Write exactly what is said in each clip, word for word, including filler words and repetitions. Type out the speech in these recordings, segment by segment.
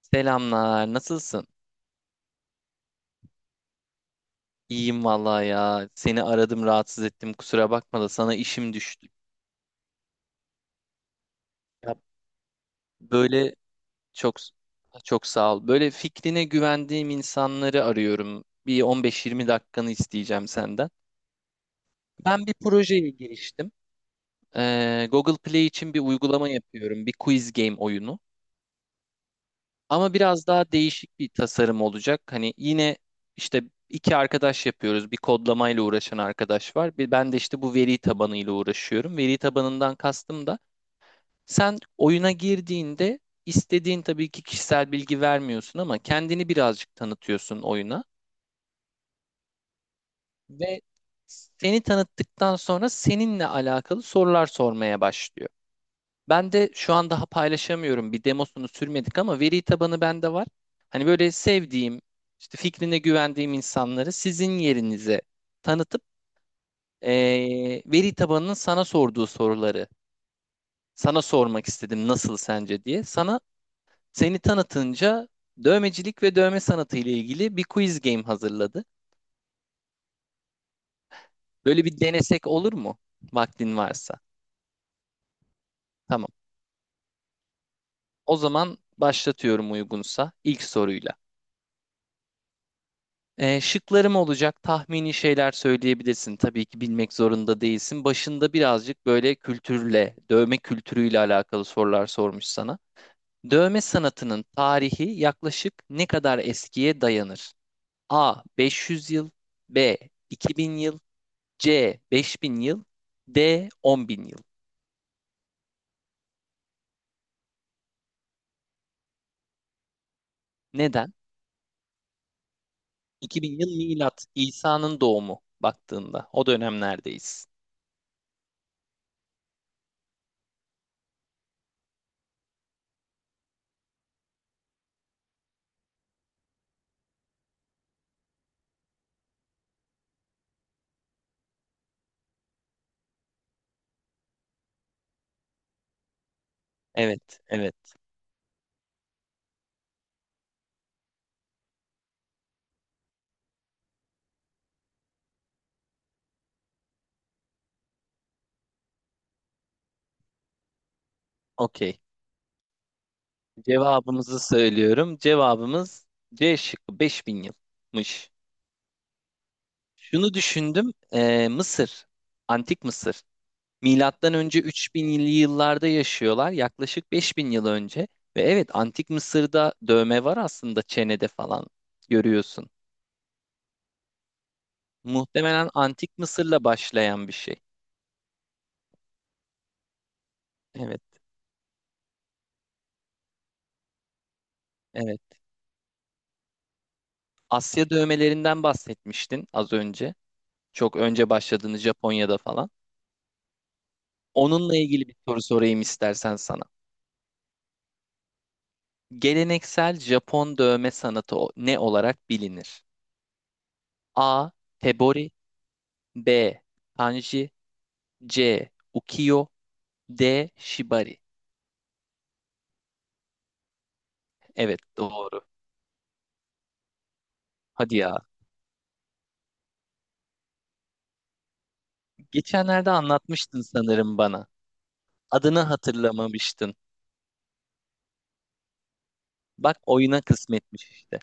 Selamlar, nasılsın? İyiyim vallahi ya. Seni aradım, rahatsız ettim. Kusura bakma da sana işim düştü. Ya böyle çok çok sağ ol. Böyle fikrine güvendiğim insanları arıyorum. Bir on beş yirmi dakikanı isteyeceğim senden. Ben bir projeye giriştim. Ee, Google Play için bir uygulama yapıyorum. Bir quiz game oyunu. Ama biraz daha değişik bir tasarım olacak. Hani yine işte iki arkadaş yapıyoruz. Bir kodlamayla uğraşan arkadaş var. Bir ben de işte bu veri tabanıyla uğraşıyorum. Veri tabanından kastım da sen oyuna girdiğinde istediğin tabii ki kişisel bilgi vermiyorsun ama kendini birazcık tanıtıyorsun oyuna ve seni tanıttıktan sonra seninle alakalı sorular sormaya başlıyor. Ben de şu an daha paylaşamıyorum. Bir demosunu sürmedik ama veri tabanı bende var. Hani böyle sevdiğim, işte fikrine güvendiğim insanları sizin yerinize tanıtıp eee, veri tabanının sana sorduğu soruları sana sormak istedim nasıl sence diye. Sana seni tanıtınca dövmecilik ve dövme sanatı ile ilgili bir quiz game hazırladı. Böyle bir denesek olur mu? Vaktin varsa. Tamam. O zaman başlatıyorum uygunsa ilk soruyla. Ee, şıklarım olacak. Tahmini şeyler söyleyebilirsin. Tabii ki bilmek zorunda değilsin. Başında birazcık böyle kültürle, dövme kültürüyle alakalı sorular sormuş sana. Dövme sanatının tarihi yaklaşık ne kadar eskiye dayanır? A. beş yüz yıl B. iki bin yıl C. beş bin yıl D. on bin yıl Neden? iki bin yıl milat. İsa'nın doğumu baktığında. O dönemlerdeyiz. Evet, evet. Okey. Cevabımızı söylüyorum. Cevabımız C şıkkı beş bin yılmış. Şunu düşündüm. eee, Mısır, Antik Mısır. Milattan önce üç binli yıllarda yaşıyorlar. Yaklaşık beş bin yıl önce. Ve evet Antik Mısır'da dövme var aslında çenede falan görüyorsun. Muhtemelen Antik Mısır'la başlayan bir şey. Evet, evet. Asya dövmelerinden bahsetmiştin az önce. Çok önce başladığını Japonya'da falan. Onunla ilgili bir soru sorayım istersen sana. Geleneksel Japon dövme sanatı o- ne olarak bilinir? A. Tebori B. Kanji C. Ukiyo D. Shibari Evet doğru. Hadi ya. Geçenlerde anlatmıştın sanırım bana. Adını hatırlamamıştın. Bak oyuna kısmetmiş işte.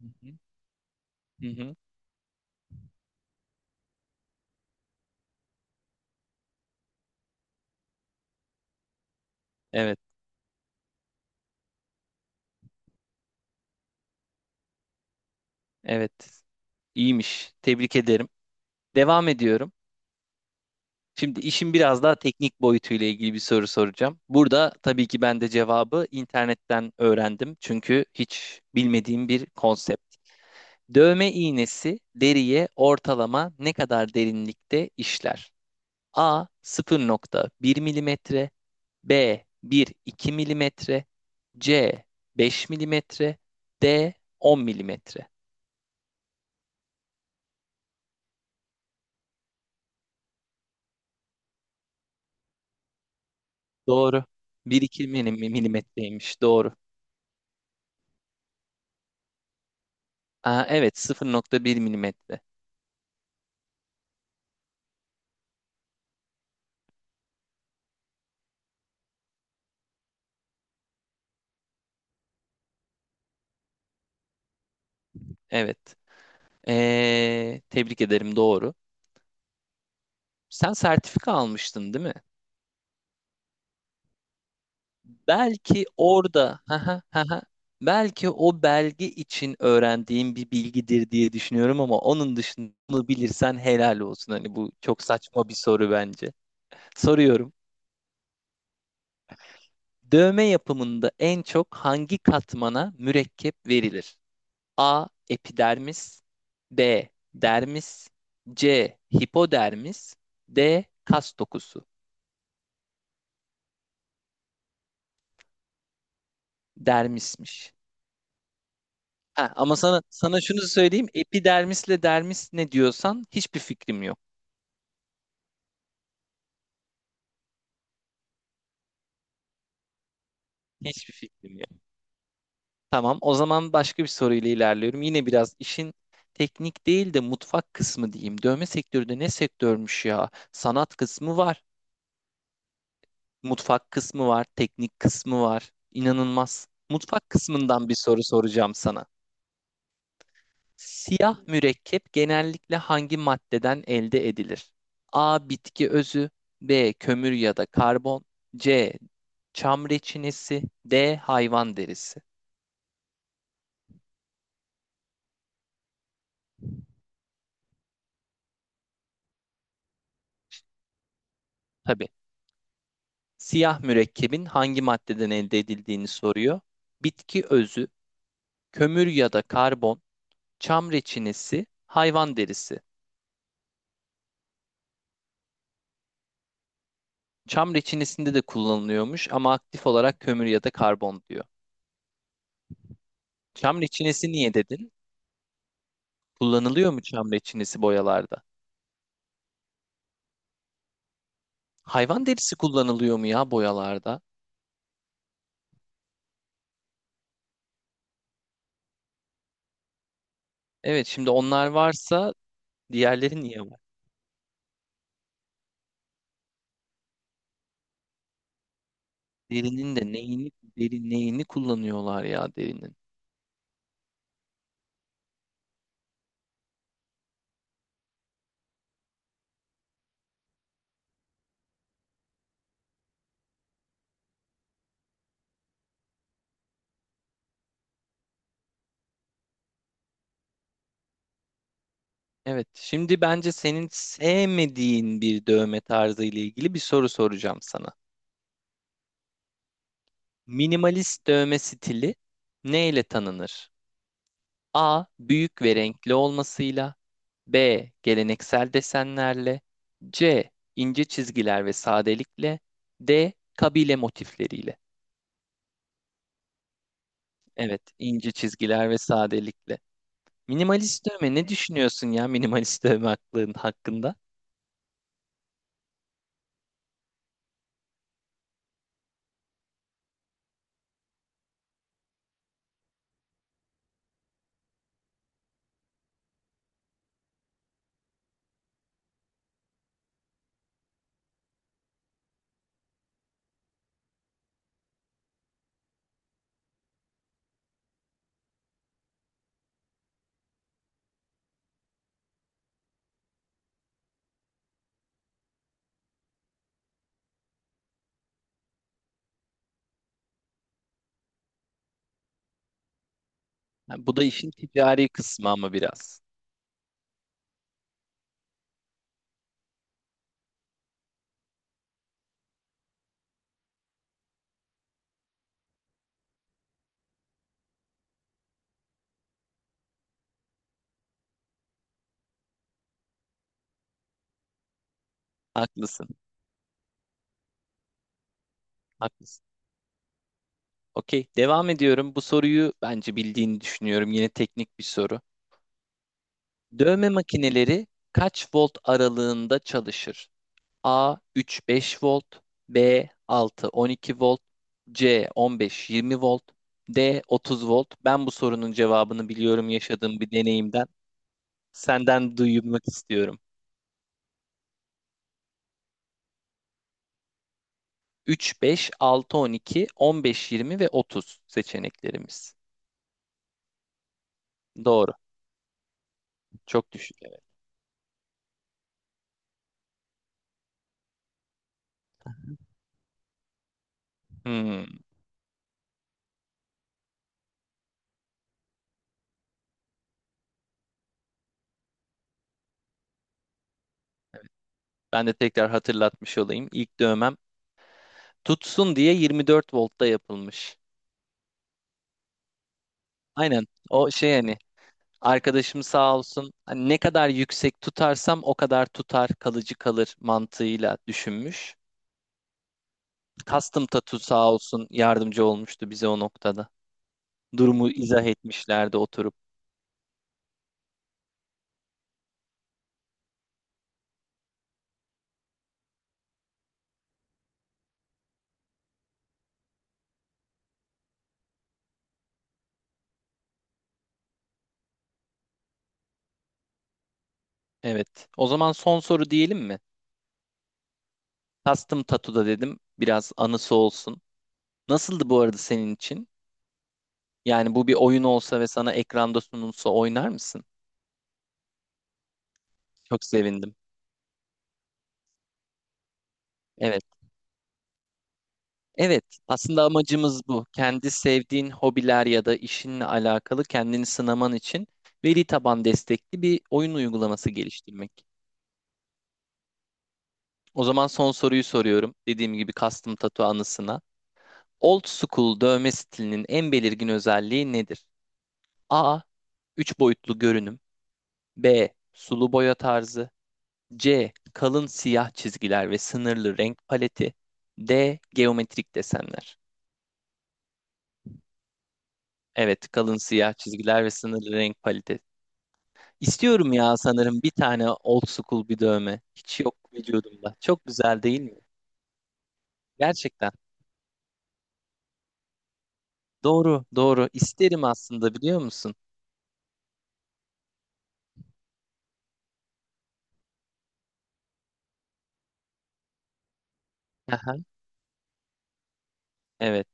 Hı hı. Hı hı. Evet, evet. İyiymiş. Tebrik ederim. Devam ediyorum. Şimdi işin biraz daha teknik boyutuyla ilgili bir soru soracağım. Burada tabii ki ben de cevabı internetten öğrendim. Çünkü hiç bilmediğim bir konsept. Dövme iğnesi deriye ortalama ne kadar derinlikte işler? A sıfır nokta bir milimetre, B bir iki milimetre, C beş milimetre, D on milimetre. Doğru. bir iki milimetreymiş. Doğru. Aa, evet sıfır nokta bir milimetre. Evet. Ee, tebrik ederim doğru. Sen sertifika almıştın değil mi? Belki orada haha, haha, belki o belge için öğrendiğin bir bilgidir diye düşünüyorum ama onun dışında bunu bilirsen helal olsun. Hani bu çok saçma bir soru bence. Soruyorum. Dövme yapımında en çok hangi katmana mürekkep verilir? A. Epidermis B. Dermis C. Hipodermis D. Kas dokusu. Dermismiş. Ha, ama sana sana şunu söyleyeyim. Epidermisle dermis ne diyorsan hiçbir fikrim yok. Hiçbir fikrim yok. Tamam, o zaman başka bir soruyla ilerliyorum. Yine biraz işin teknik değil de mutfak kısmı diyeyim. Dövme sektörü de ne sektörmüş ya? Sanat kısmı var, mutfak kısmı var, teknik kısmı var. İnanılmaz. Mutfak kısmından bir soru soracağım sana. Siyah mürekkep genellikle hangi maddeden elde edilir? A. Bitki özü B. Kömür ya da karbon C. Çam reçinesi D. Hayvan derisi. Tabii. Siyah mürekkebin hangi maddeden elde edildiğini soruyor. Bitki özü, kömür ya da karbon, çam reçinesi, hayvan derisi. Çam reçinesinde de kullanılıyormuş ama aktif olarak kömür ya da karbon diyor. Çam reçinesi niye dedin? Kullanılıyor mu çam reçinesi boyalarda? Hayvan derisi kullanılıyor mu ya boyalarda? Evet şimdi onlar varsa diğerleri niye var? Derinin de neyini, deri neyini kullanıyorlar ya derinin? Evet şimdi bence senin sevmediğin bir dövme tarzı ile ilgili bir soru soracağım sana. Minimalist dövme stili ne ile tanınır? A. Büyük ve renkli olmasıyla B. Geleneksel desenlerle C. ince çizgiler ve sadelikle D. Kabile motifleriyle. Evet, ince çizgiler ve sadelikle. Minimalist dövme ne düşünüyorsun ya minimalist dövme hakkın- hakkında? Ha, bu da işin ticari kısmı ama biraz. Haklısın, haklısın. Okey, devam ediyorum. Bu soruyu bence bildiğini düşünüyorum. Yine teknik bir soru. Dövme makineleri kaç volt aralığında çalışır? A üç beş volt, B altı on iki volt, C on beş yirmi volt, D otuz volt. Ben bu sorunun cevabını biliyorum yaşadığım bir deneyimden. Senden duymak istiyorum. üç, beş, altı, on iki, on beş, yirmi ve otuz seçeneklerimiz. Doğru. Çok düşük. Evet. Hmm. Ben de tekrar hatırlatmış olayım. İlk dövmem tutsun diye yirmi dört voltta yapılmış. Aynen. O şey hani arkadaşım sağ olsun hani ne kadar yüksek tutarsam o kadar tutar kalıcı kalır mantığıyla düşünmüş. Custom Tattoo sağ olsun yardımcı olmuştu bize o noktada. Durumu izah etmişlerdi oturup. Evet. O zaman son soru diyelim mi? Custom Tattoo'da dedim. Biraz anısı olsun. Nasıldı bu arada senin için? Yani bu bir oyun olsa ve sana ekranda sunulsa oynar mısın? Çok sevindim. Evet. Evet. Aslında amacımız bu. Kendi sevdiğin hobiler ya da işinle alakalı kendini sınaman için veri taban destekli bir oyun uygulaması geliştirmek. O zaman son soruyu soruyorum. Dediğim gibi custom tattoo anısına. Old school dövme stilinin en belirgin özelliği nedir? A. üç boyutlu görünüm. B. Sulu boya tarzı. C. Kalın siyah çizgiler ve sınırlı renk paleti. D. Geometrik desenler. Evet, kalın siyah çizgiler ve sınırlı renk paleti. İstiyorum ya sanırım bir tane old school bir dövme. Hiç yok vücudumda. Çok güzel değil mi? Gerçekten. Doğru, doğru. İsterim aslında biliyor musun? Aha, evet,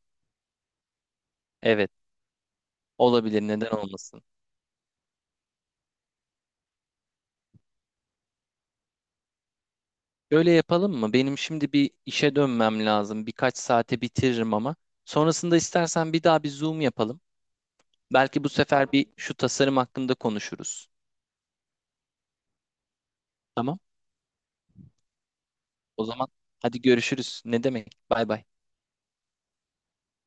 evet. Olabilir, neden olmasın? Böyle yapalım mı? Benim şimdi bir işe dönmem lazım. Birkaç saate bitiririm ama. Sonrasında istersen bir daha bir Zoom yapalım. Belki bu sefer bir şu tasarım hakkında konuşuruz. Tamam. O zaman hadi görüşürüz. Ne demek? Bay bay.